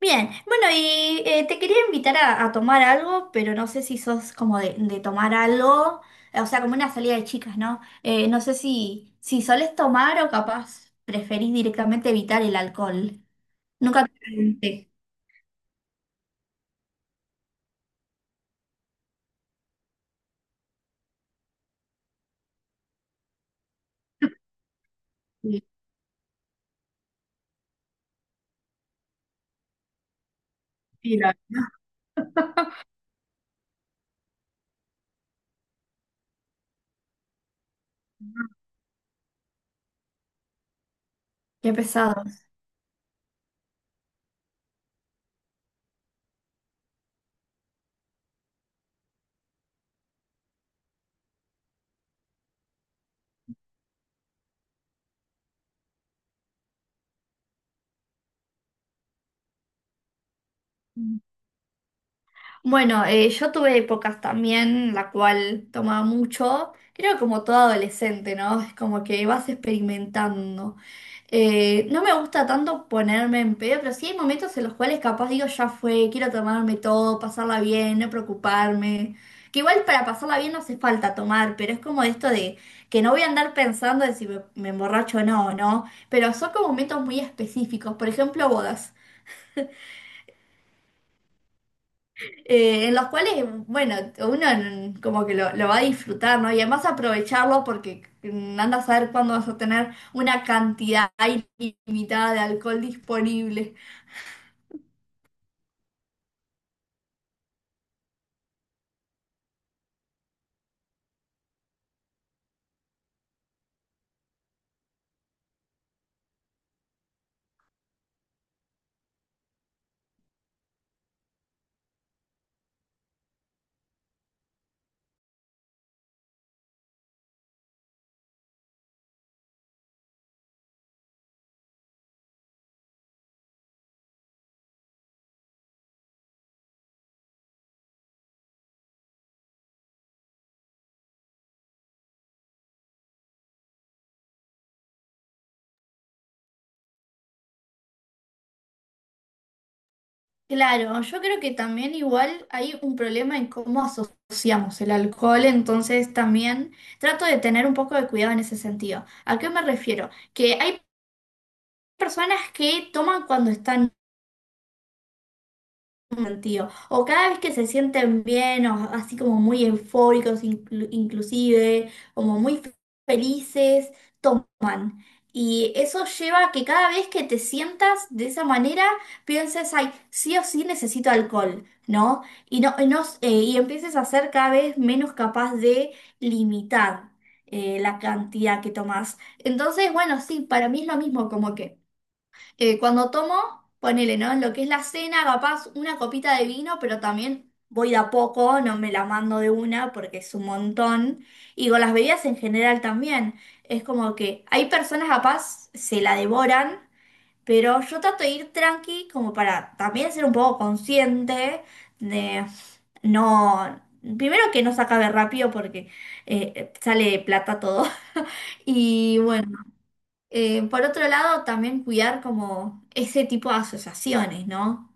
Bien, bueno, y te quería invitar a tomar algo, pero no sé si sos como de tomar algo, o sea, como una salida de chicas, ¿no? No sé si solés tomar o capaz preferís directamente evitar el alcohol. Nunca te pregunté. Sí, sí, Qué pesados. Bueno, yo tuve épocas también la cual tomaba mucho, creo como todo adolescente, ¿no? Es como que vas experimentando. No me gusta tanto ponerme en pedo, pero sí hay momentos en los cuales capaz digo, ya fue, quiero tomarme todo, pasarla bien, no preocuparme. Que igual para pasarla bien no hace falta tomar, pero es como esto de que no voy a andar pensando de si me emborracho o no, ¿no? Pero son como momentos muy específicos, por ejemplo, bodas. En los cuales, bueno, uno como que lo va a disfrutar, ¿no? Y además aprovecharlo porque anda a saber cuándo vas a tener una cantidad ilimitada de alcohol disponible. Claro, yo creo que también igual hay un problema en cómo asociamos el alcohol, entonces también trato de tener un poco de cuidado en ese sentido. ¿A qué me refiero? Que hay personas que toman cuando están tío. O cada vez que se sienten bien, o así como muy eufóricos, inclusive, como muy felices, toman. Y eso lleva a que cada vez que te sientas de esa manera, pienses, ay, sí o sí necesito alcohol, ¿no? Y, no, y empieces a ser cada vez menos capaz de limitar la cantidad que tomas. Entonces, bueno, sí, para mí es lo mismo, como que… cuando tomo, ponele, ¿no? En lo que es la cena, capaz una copita de vino, pero también voy de a poco, no me la mando de una porque es un montón. Y con las bebidas en general también. Es como que hay personas capaz se la devoran, pero yo trato de ir tranqui como para también ser un poco consciente de no… Primero que no se acabe rápido porque sale plata todo. Y bueno. Por otro lado, también cuidar como ese tipo de asociaciones, ¿no?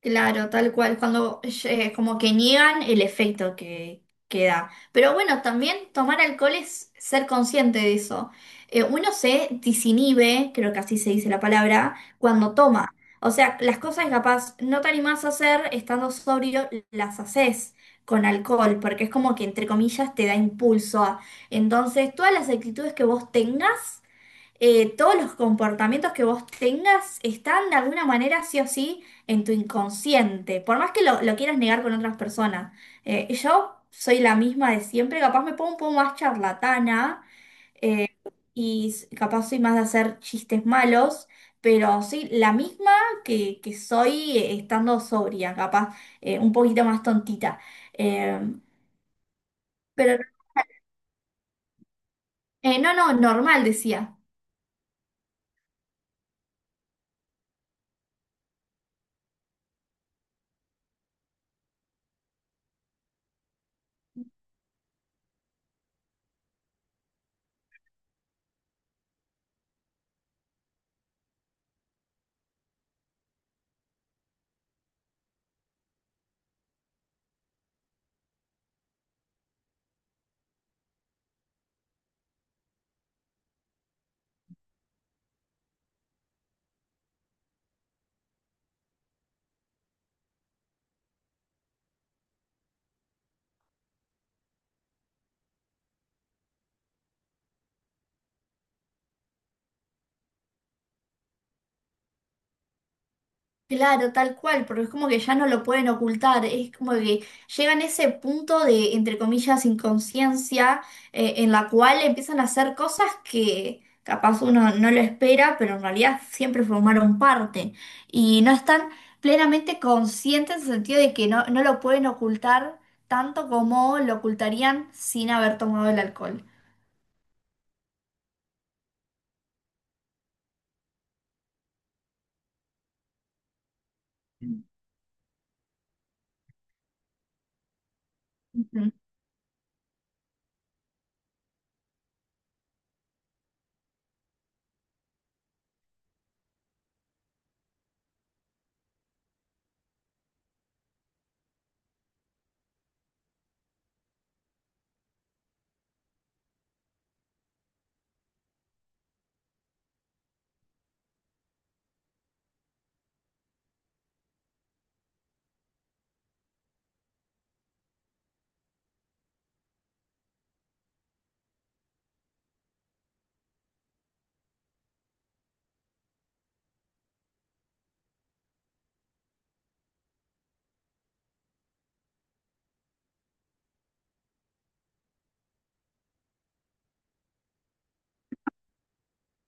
Claro, tal cual, cuando como que niegan el efecto que da. Pero bueno, también tomar alcohol es ser consciente de eso. Uno se disinhibe, creo que así se dice la palabra, cuando toma. O sea, las cosas que capaz no te animás a hacer estando sobrio, las haces con alcohol, porque es como que entre comillas te da impulso a- Entonces, todas las actitudes que vos tengas, todos los comportamientos que vos tengas están de alguna manera sí o sí en tu inconsciente, por más que lo quieras negar con otras personas. Yo soy la misma de siempre, capaz me pongo un poco más charlatana, eh, capaz soy más de hacer chistes malos, pero soy la misma que soy estando sobria, capaz un poquito más tontita. Eh, pero no, no, normal, decía. Claro, tal cual, porque es como que ya no lo pueden ocultar, es como que llegan a ese punto de, entre comillas, inconsciencia, en la cual empiezan a hacer cosas que capaz uno no lo espera, pero en realidad siempre formaron parte y no están plenamente conscientes en el sentido de que no, no lo pueden ocultar tanto como lo ocultarían sin haber tomado el alcohol.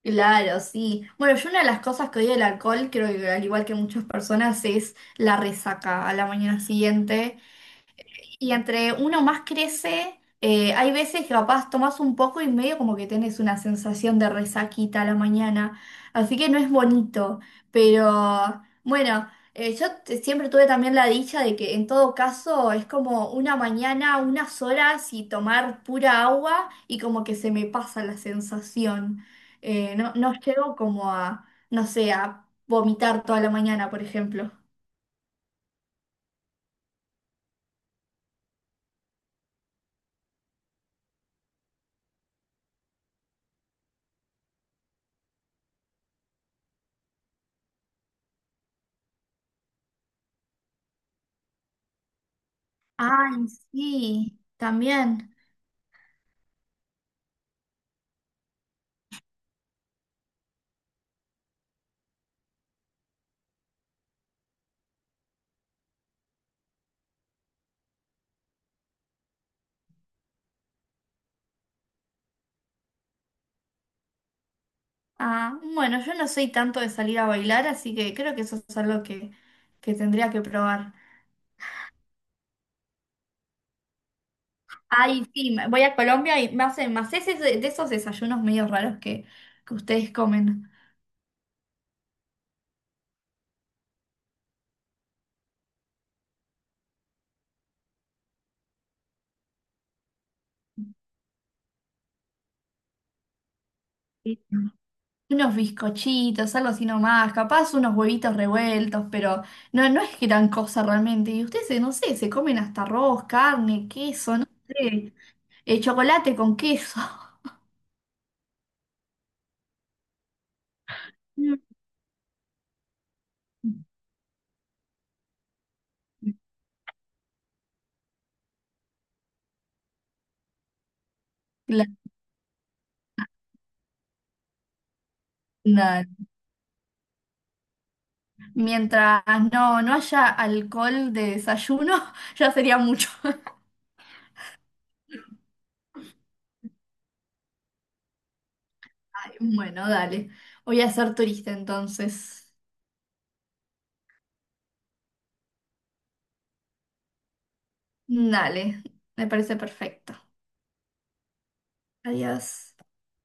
Claro, sí. Bueno, yo una de las cosas que odio del alcohol, creo que al igual que muchas personas, es la resaca a la mañana siguiente. Y entre uno más crece, hay veces que capaz tomás un poco y medio como que tenés una sensación de resaquita a la mañana. Así que no es bonito. Pero bueno, siempre tuve también la dicha de que en todo caso es como una mañana, unas horas y tomar pura agua y como que se me pasa la sensación. No, no llego como a, no sé, a vomitar toda la mañana, por ejemplo. Ay, sí, también. Ah, bueno, yo no soy tanto de salir a bailar, así que creo que eso es algo que tendría que probar. Ay, sí, voy a Colombia y me hacen más ese de esos desayunos medio raros que ustedes comen. Sí. Unos bizcochitos, algo así nomás, capaz unos huevitos revueltos, pero no, no es gran cosa realmente. Y ustedes, no sé, se comen hasta arroz, carne, queso, no sé, chocolate con queso. Mm. La- Mientras no, no haya alcohol de desayuno, ya sería mucho. Ay, bueno, dale. Voy a ser turista entonces. Dale, me parece perfecto. Adiós.